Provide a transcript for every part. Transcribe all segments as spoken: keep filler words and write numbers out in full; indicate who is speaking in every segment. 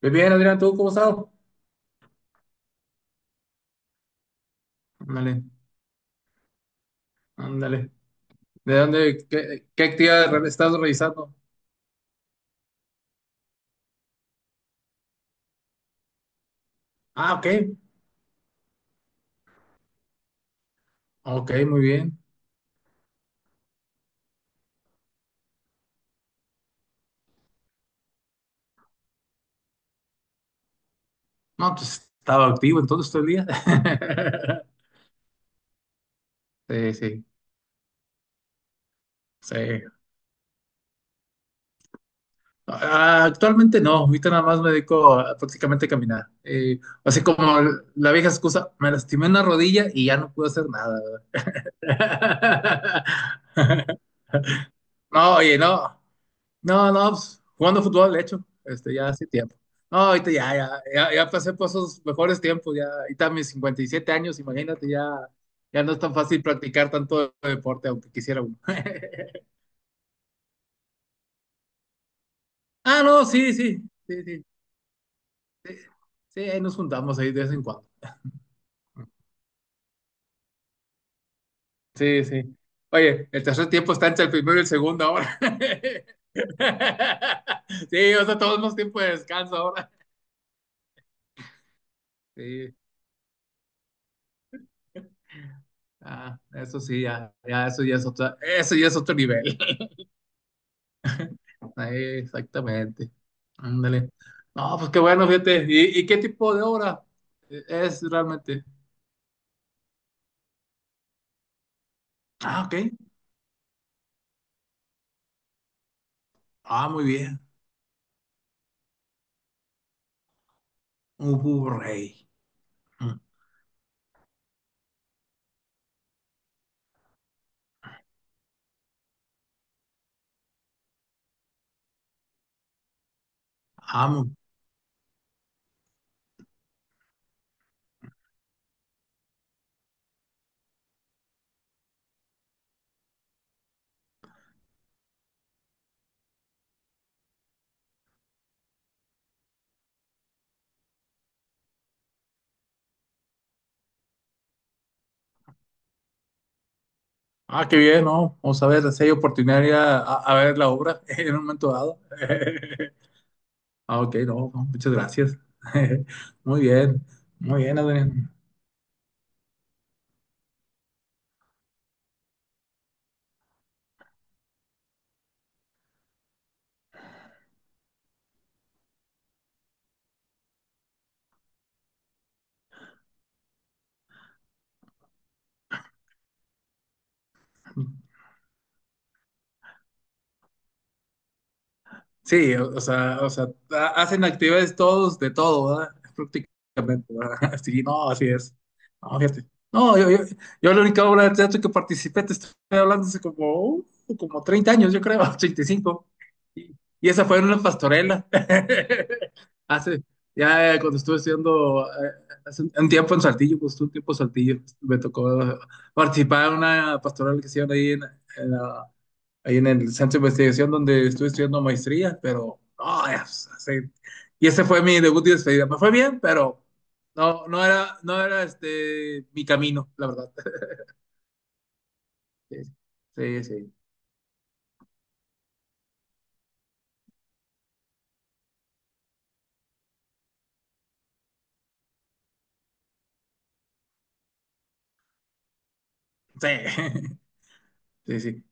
Speaker 1: Muy bien, Adrián, ¿tú cómo estás? Ándale, ándale. ¿De dónde, qué, qué actividad re- estás realizando? Ah, ok, ok, muy bien. No, pues estaba activo entonces todo el día. Sí, sí, sí. Ah, actualmente no, ahorita nada más me dedico a prácticamente a caminar. Eh, así como la vieja excusa, me lastimé una rodilla y ya no pude hacer nada. No, oye, no. No, no, pues, jugando fútbol, de hecho, este, ya hace tiempo. No, ahorita ya, ya, ya, ya pasé por esos mejores tiempos, ya, ahorita mis cincuenta y siete años, imagínate, ya, ya no es tan fácil practicar tanto deporte, aunque quisiera uno. Ah, no, sí, sí, sí, sí, sí, sí, ahí nos juntamos ahí de vez en cuando. Sí, sí. Oye, el tercer tiempo está entre el primero y el segundo ahora. Sí, o sea, todos más tiempo de descanso ahora. Sí, ah, eso sí, ya, ya, eso ya es otro, eso ya es otro nivel. Ahí, exactamente. Ándale. No, pues qué bueno, fíjate. ¿Y, y qué tipo de obra es realmente? Ah, ok. Ah, muy bien. Un Blu-ray. Mm. Ah, mu- ah, qué bien, ¿no? Vamos a ver si hay oportunidad de ir a, a- a ver la obra en un momento dado. Ah, ok, no, no, muchas gracias. Muy bien, muy bien, Adrián. Sí, o, o sea, o sea, ha- hacen actividades todos de todo, ¿verdad? Prácticamente, ¿verdad? Sí, no, así es. No, fíjate. No, yo, yo, yo la única obra de teatro que participé, te estoy hablando hace como, uh, como treinta años, yo creo, treinta y cinco. Y, cinco. y y esa fue en una pastorela. Hace, ya eh, cuando estuve estudiando, eh, hace un, un tiempo en Saltillo, pues un tiempo en Saltillo, me tocó eh, participar en una pastoral que hicieron ahí en, ahí en el centro de investigación donde estuve estudiando maestría, pero no, es- hace- y ese fue mi debut y despedida. Me fue bien, pero no, no era, no era este mi camino, la verdad. Sí, sí, sí, sí, sí, sí.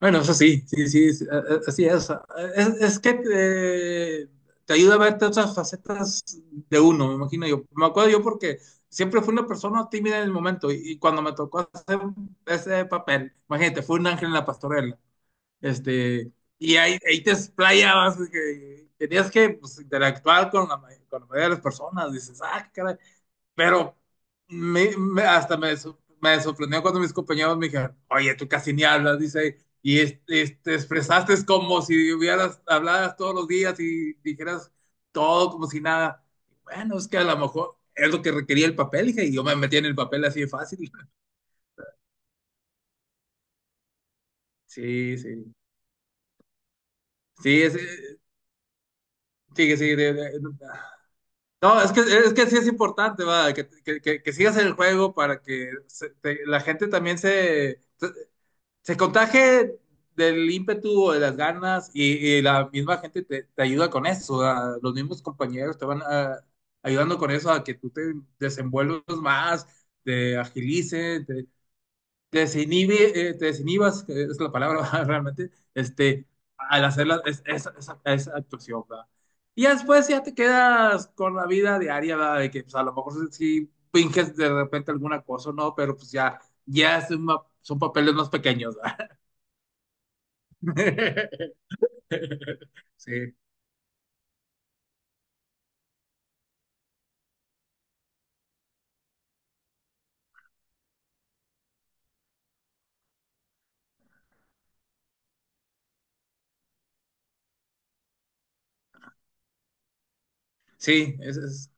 Speaker 1: Bueno, eso sí, sí, sí, sí, a- a- así es. Es, es que te, te ayuda a verte otras facetas de uno, me imagino yo. Me acuerdo yo porque siempre fui una persona tímida en el momento y, y cuando me tocó hacer ese papel, imagínate, fue un ángel en la pastorela. Este, y ahí, ahí te explayabas, que tenías que pues, interactuar con la, ma- con la mayoría de las personas, dices, ah, qué caray. Pero me- me- hasta me, so- me sorprendió cuando mis compañeros me dijeron, oye, tú casi ni hablas, dice, y es- es- te expresaste como si hubieras habladas todos los días y dijeras todo como si nada. Bueno, es que a lo mejor es lo que requería el papel, dije, y yo me metí en el papel así de fácil. Sí, sí, sí, es, eh, sigue, sigue, de- de- no, es que, es que sí es importante, va, que, que, que- que sigas en el juego para que se- te- la gente también se, se, se contagie del ímpetu, o de las ganas, y, y la misma gente te, te ayuda con eso, ¿va? Los mismos compañeros te van ah, ayudando con eso a que tú te desenvuelvas más, te agilices, te desinhibe, eh, te desinhibas, que es la palabra realmente, este, al hacer la- es- esa, esa- esa actuación, ¿verdad? Y ya después ya te quedas con la vida diaria, ¿verdad? De que pues, a lo mejor si finges de repente alguna cosa, ¿no? Pero pues ya, ya es una- son papeles más pequeños, ¿verdad? Sí, sí, es, es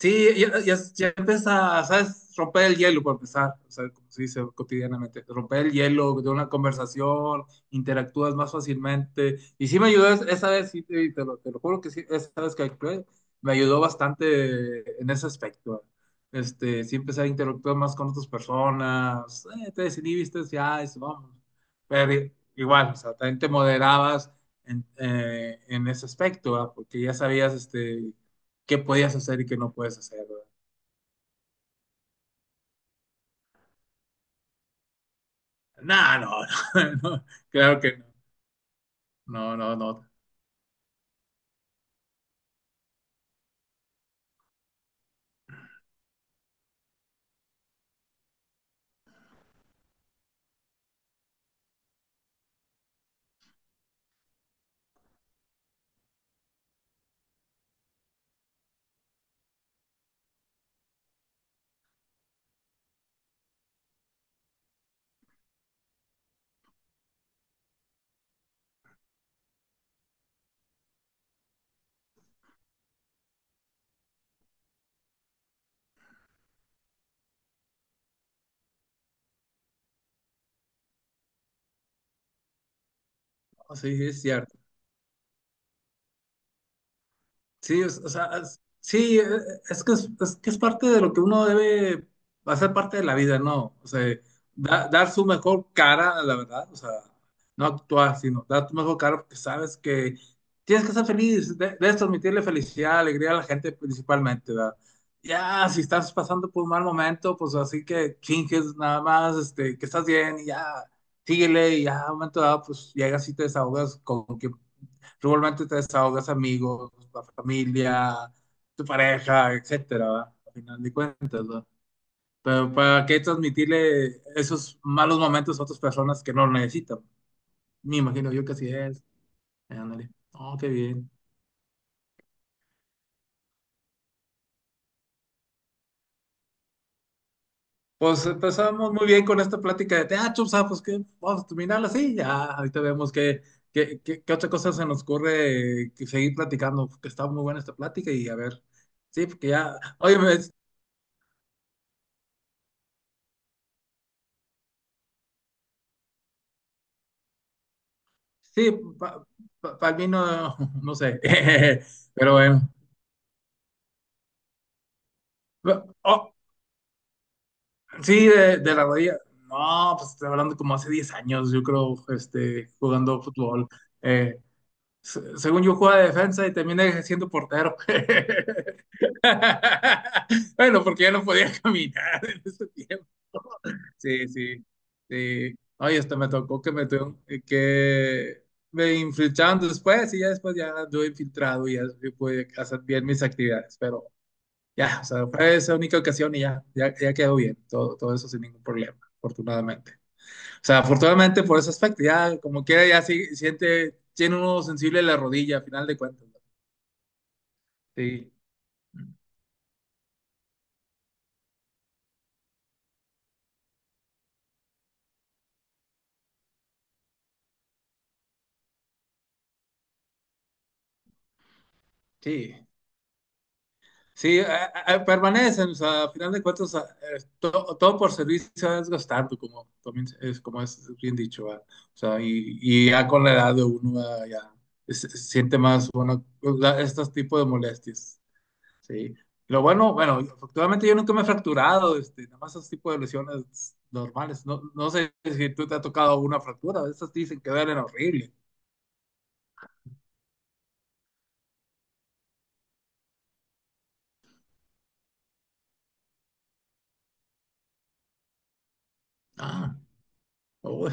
Speaker 1: sí, ya, ya- ya empieza, ¿sabes? Romper el hielo para empezar, o sea, como se dice cotidianamente, romper el hielo de una conversación, interactúas más fácilmente. Y sí me ayudó es- esa vez, sí, te, te lo, te lo juro que sí, esa vez que actué, me ayudó bastante en ese aspecto. Este, sí empecé a interactuar más con otras personas, eh, te desinhibiste, ya, eso, vamos. Pero igual, o sea, también te moderabas en, eh, en ese aspecto, ¿verdad? Porque ya sabías, este qué podías hacer y qué no puedes hacer, ¿verdad? No, no, no, no, claro que no, no, no, no, no, sí, es cierto. Sí, o, o sea, es- sí, eh, es que es, es que es parte de lo que uno debe hacer parte de la vida, ¿no? O sea, da- dar su mejor cara, la verdad, o sea, no actuar, sino dar tu mejor cara porque sabes que tienes que ser feliz, de- debes transmitirle felicidad, alegría a la gente principalmente, ¿verdad? Ya, si estás pasando por un mal momento, pues así que finges nada más, este, que estás bien y ya, síguele y ya, a un momento dado, pues llegas y te desahogas con quien regularmente te desahogas, amigos, la familia, tu pareja, etcétera, ¿verdad? Al final de cuentas, ¿verdad? Pero ¿para qué transmitirle esos malos momentos a otras personas que no lo necesitan? Me imagino yo que así es. Eh, ándale. Oh, qué bien. Pues empezamos muy bien con esta plática de teatro, ¿sabes? Pues que vamos a terminarla así, ya, ahorita vemos qué, qué, qué, qué otra cosa se nos ocurre que seguir platicando, que está muy buena esta plática y a ver, sí, porque ya, oye, me- sí, para el vino, no no sé, pero bueno. Oh, sí, de, de la rodilla. No, pues estoy hablando como hace diez años, yo creo, este, jugando fútbol. Eh, se- Según yo jugaba de defensa y terminé siendo portero. Bueno, porque ya no podía caminar en ese tiempo. Sí, sí, sí. Ay, hasta me tocó que me tuvieron eh, que me infiltraron después y ya después ya anduve infiltrado y ya sí pude hacer bien mis actividades, pero ya, o sea, fue esa única ocasión y ya, ya, ya quedó bien, todo, todo eso sin ningún problema, afortunadamente. O sea, afortunadamente por ese aspecto, ya como quiera, ya sí, siente, tiene uno sensible la rodilla, a final de cuentas. ¿No? Sí, sí. Sí, a- a- a- permanecen, o sea, a final de cuentas, a- eh, to- todo por servicio es gastando, como también es, como es bien dicho, ¿va? O sea, y, y ya con la edad de uno ah, ya se, se siente más, bueno, pues, estos tipos de molestias, ¿sí? Lo bueno, bueno, afortunadamente yo nunca me he fracturado, este, nada más esos tipos de lesiones normales. No, no sé si tú te ha tocado una fractura, esas dicen que duelen horrible. Ah, oh,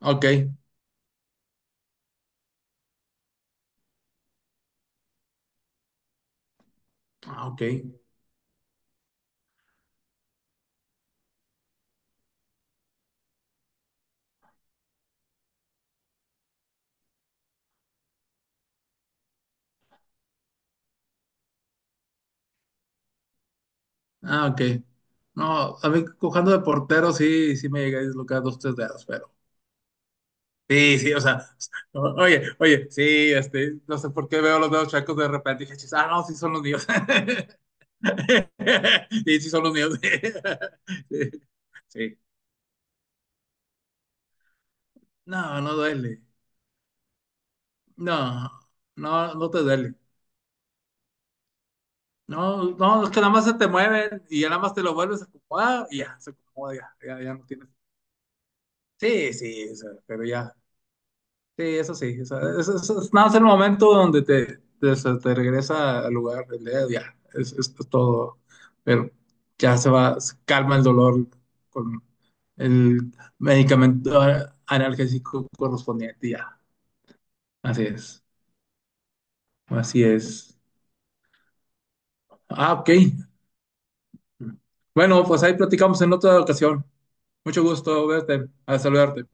Speaker 1: ok, ah, ok. Ah, ok. No, a mí cojando de portero sí, sí me llegué a dislocar dos, tres dedos, pero. Sí, sí, o sea, o- oye, oye, sí, este, no sé por qué veo los dedos chacos de repente y dije, "Chis, ah, no, sí son los míos". Sí, sí son los míos. Sí. Sí. No, no duele. No, no, no te duele. No, no, es que nada más se te mueven y ya nada más te lo vuelves a acomodar y ya, se acomoda, ya, ya, ya no tienes. Sí, sí, o sea, pero ya. Sí, eso sí. O sea, eso- eso es, nada más el momento donde te, te, se te regresa al lugar, el dedo, ya, es, es todo. Pero ya se va, se calma el dolor con el medicamento analgésico correspondiente, ya. Así es, así es. Ah, ok. Bueno, pues ahí platicamos en otra ocasión. Mucho gusto verte, a saludarte.